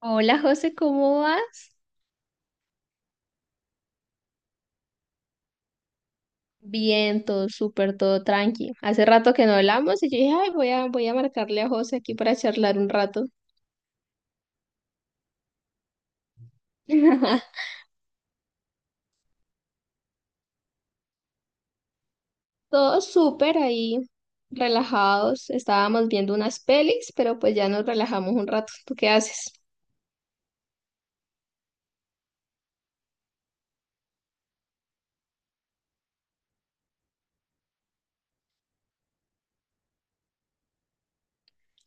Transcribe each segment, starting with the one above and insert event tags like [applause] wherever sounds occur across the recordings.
Hola José, ¿cómo vas? Bien, todo súper, todo tranqui. Hace rato que no hablamos y yo dije, ay, voy a marcarle a José aquí para charlar un rato. [laughs] Todo súper ahí, relajados. Estábamos viendo unas pelis, pero pues ya nos relajamos un rato. ¿Tú qué haces?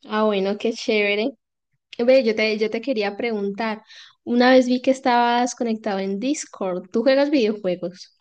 Ah, bueno, qué chévere. Ve, yo te quería preguntar. Una vez vi que estabas conectado en Discord. ¿Tú juegas videojuegos?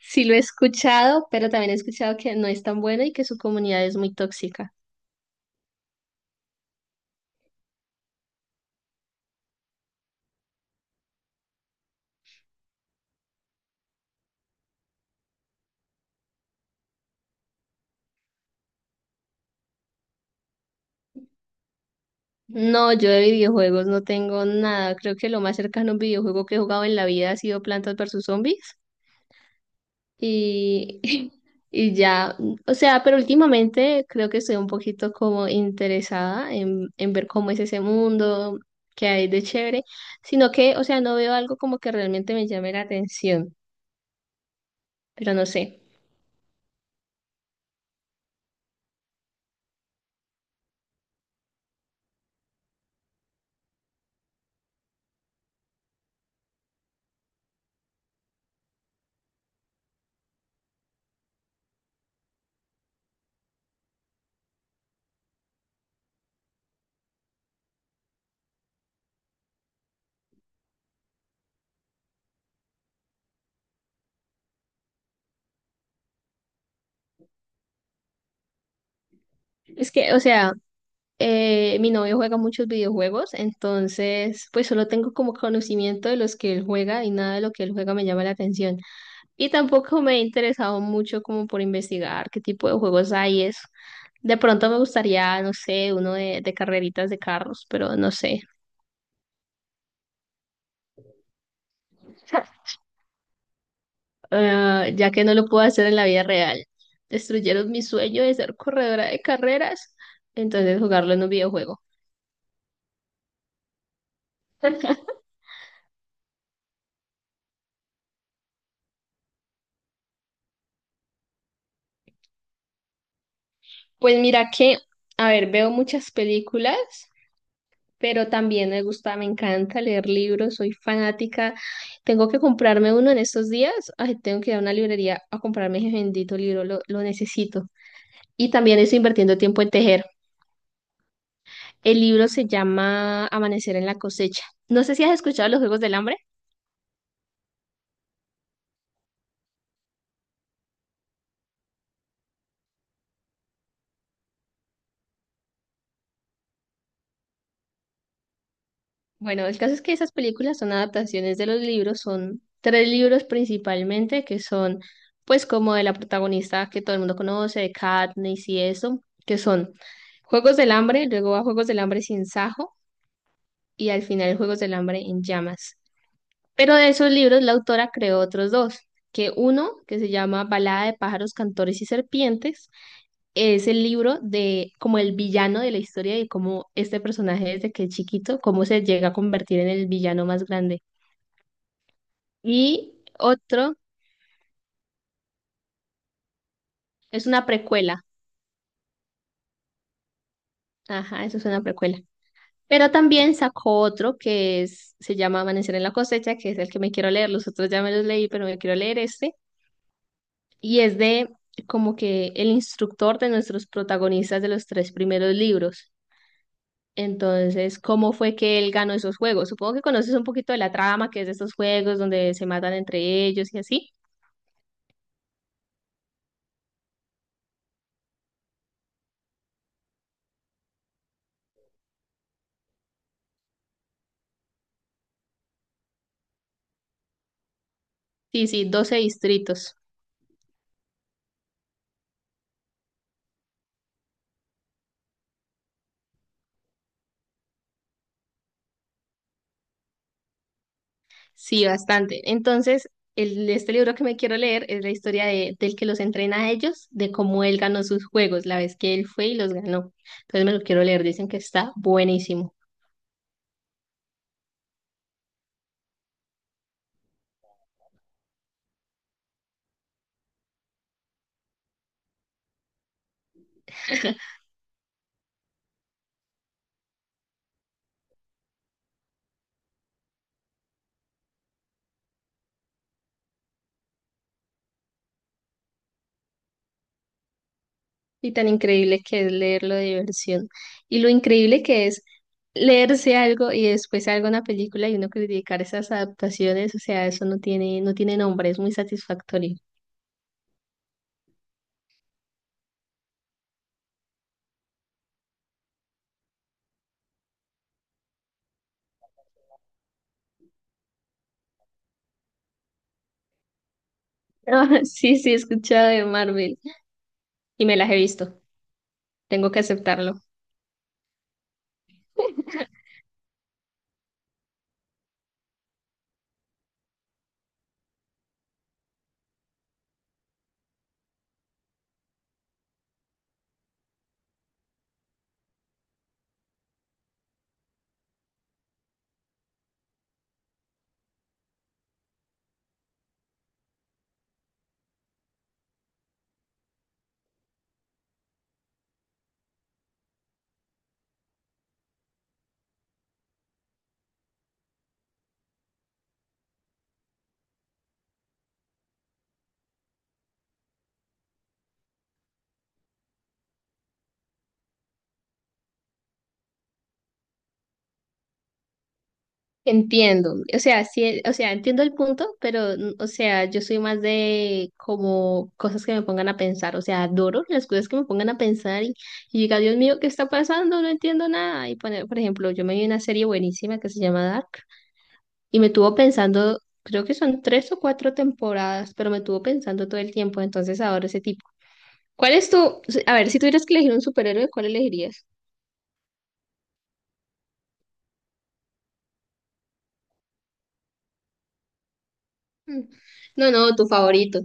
Sí, lo he escuchado, pero también he escuchado que no es tan bueno y que su comunidad es muy tóxica. No, yo de videojuegos no tengo nada. Creo que lo más cercano a un videojuego que he jugado en la vida ha sido Plantas versus Zombies. Y, [laughs] y ya, o sea, pero últimamente creo que estoy un poquito como interesada en ver cómo es ese mundo, qué hay de chévere, sino que, o sea, no veo algo como que realmente me llame la atención, pero no sé. Es que, o sea, mi novio juega muchos videojuegos, entonces, pues solo tengo como conocimiento de los que él juega y nada de lo que él juega me llama la atención. Y tampoco me he interesado mucho como por investigar qué tipo de juegos hay y eso. De pronto me gustaría, no sé, uno de carreritas de carros, pero no sé. [laughs] Ah, ya que no lo puedo hacer en la vida real. Destruyeron mi sueño de ser corredora de carreras, entonces jugarlo en un videojuego. [laughs] Pues mira que, a ver, veo muchas películas, pero también me gusta, me encanta leer libros, soy fanática. Tengo que comprarme uno en estos días. Ay, tengo que ir a una librería a comprarme ese bendito libro, lo necesito. Y también estoy invirtiendo tiempo en tejer. El libro se llama Amanecer en la cosecha. No sé si has escuchado los Juegos del Hambre. Bueno, el caso es que esas películas son adaptaciones de los libros, son tres libros principalmente, que son pues como de la protagonista que todo el mundo conoce, de Katniss y eso, que son Juegos del Hambre, luego a Juegos del Hambre sin Sajo y al final Juegos del Hambre en llamas. Pero de esos libros la autora creó otros dos, que uno, que se llama Balada de pájaros, cantores y serpientes, es el libro de como el villano de la historia y cómo este personaje desde que es chiquito, cómo se llega a convertir en el villano más grande. Y otro es una precuela. Ajá, eso es una precuela. Pero también sacó otro que es, se llama Amanecer en la cosecha, que es el que me quiero leer. Los otros ya me los leí, pero me quiero leer este y es de como que el instructor de nuestros protagonistas de los tres primeros libros. Entonces, ¿cómo fue que él ganó esos juegos? Supongo que conoces un poquito de la trama, que es de estos juegos donde se matan entre ellos y así. Sí, sí, 12 distritos. Sí, bastante. Entonces, este libro que me quiero leer es la historia de, del que los entrena a ellos, de cómo él ganó sus juegos, la vez que él fue y los ganó. Entonces me lo quiero leer, dicen que está buenísimo. Y tan increíble que es leerlo de diversión. Y lo increíble que es leerse algo y después algo una película y uno criticar esas adaptaciones, o sea, eso no tiene, no tiene nombre, es muy satisfactorio. [laughs] Ah, sí, sí, he escuchado de Marvel y me las he visto, tengo que aceptarlo. Entiendo, o sea, sí, o sea, entiendo el punto, pero, o sea, yo soy más de como cosas que me pongan a pensar, o sea, adoro las cosas que me pongan a pensar y diga, Dios mío, ¿qué está pasando? No entiendo nada. Y poner, por ejemplo, yo me vi una serie buenísima que se llama Dark y me tuvo pensando, creo que son tres o cuatro temporadas, pero me tuvo pensando todo el tiempo, entonces adoro ese tipo. ¿Cuál es tu, a ver, si tuvieras que elegir un superhéroe, ¿cuál elegirías? Mm, no, no, tu favorito.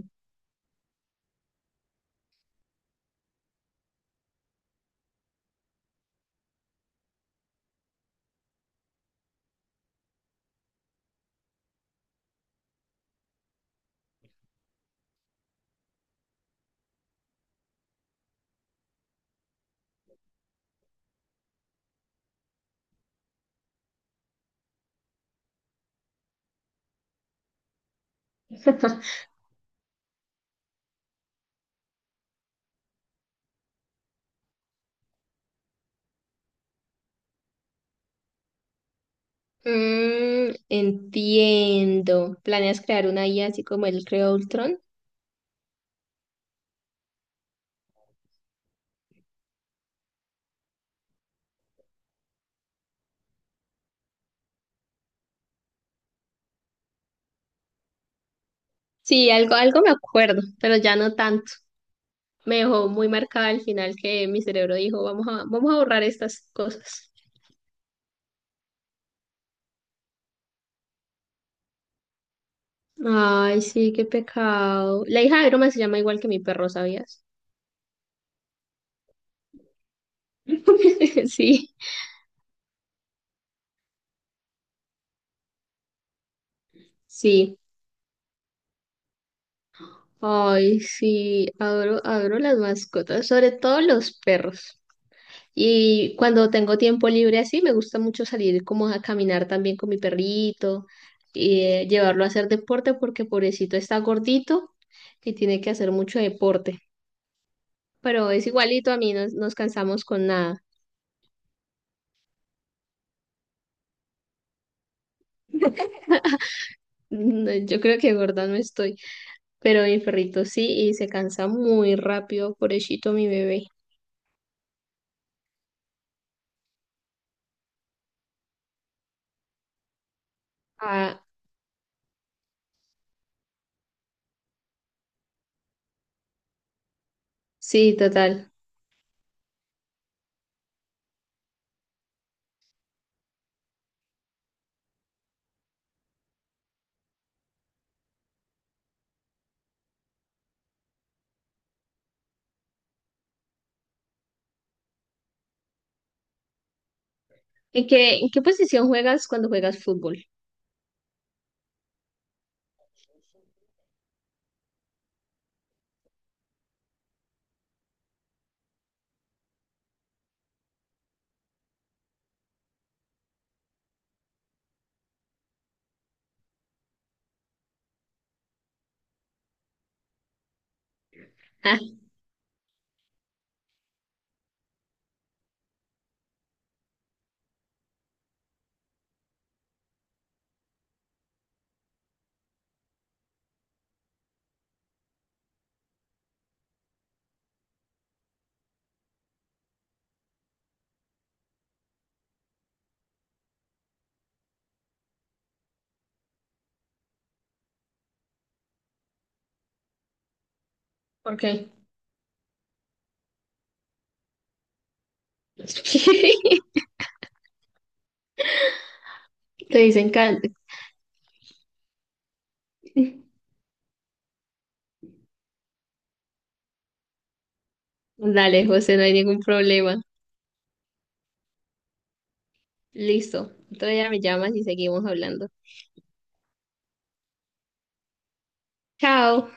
Mm, entiendo. ¿Planeas crear una IA así como el creó Ultron? Sí, algo, algo me acuerdo, pero ya no tanto. Me dejó muy marcada al final que mi cerebro dijo, vamos a borrar estas cosas. Ay, sí, qué pecado. La hija de Iron Man se llama igual que mi perro, ¿sabías? [laughs] Sí, sí. Ay, sí, adoro, adoro las mascotas, sobre todo los perros. Y cuando tengo tiempo libre así, me gusta mucho salir como a caminar también con mi perrito y llevarlo a hacer deporte porque pobrecito está gordito y tiene que hacer mucho deporte. Pero es igualito a mí, no nos cansamos con nada. [laughs] No, yo creo que gorda no estoy, pero mi perrito sí y se cansa muy rápido, pobrecito mi bebé. Ah, sí, total. ¿En qué posición juegas cuando juegas fútbol? [laughs] Ah, ¿por qué? [laughs] Te dicen can. [laughs] Dale, José, no hay ningún problema. Listo. Otro día me llamas y seguimos hablando. Chao.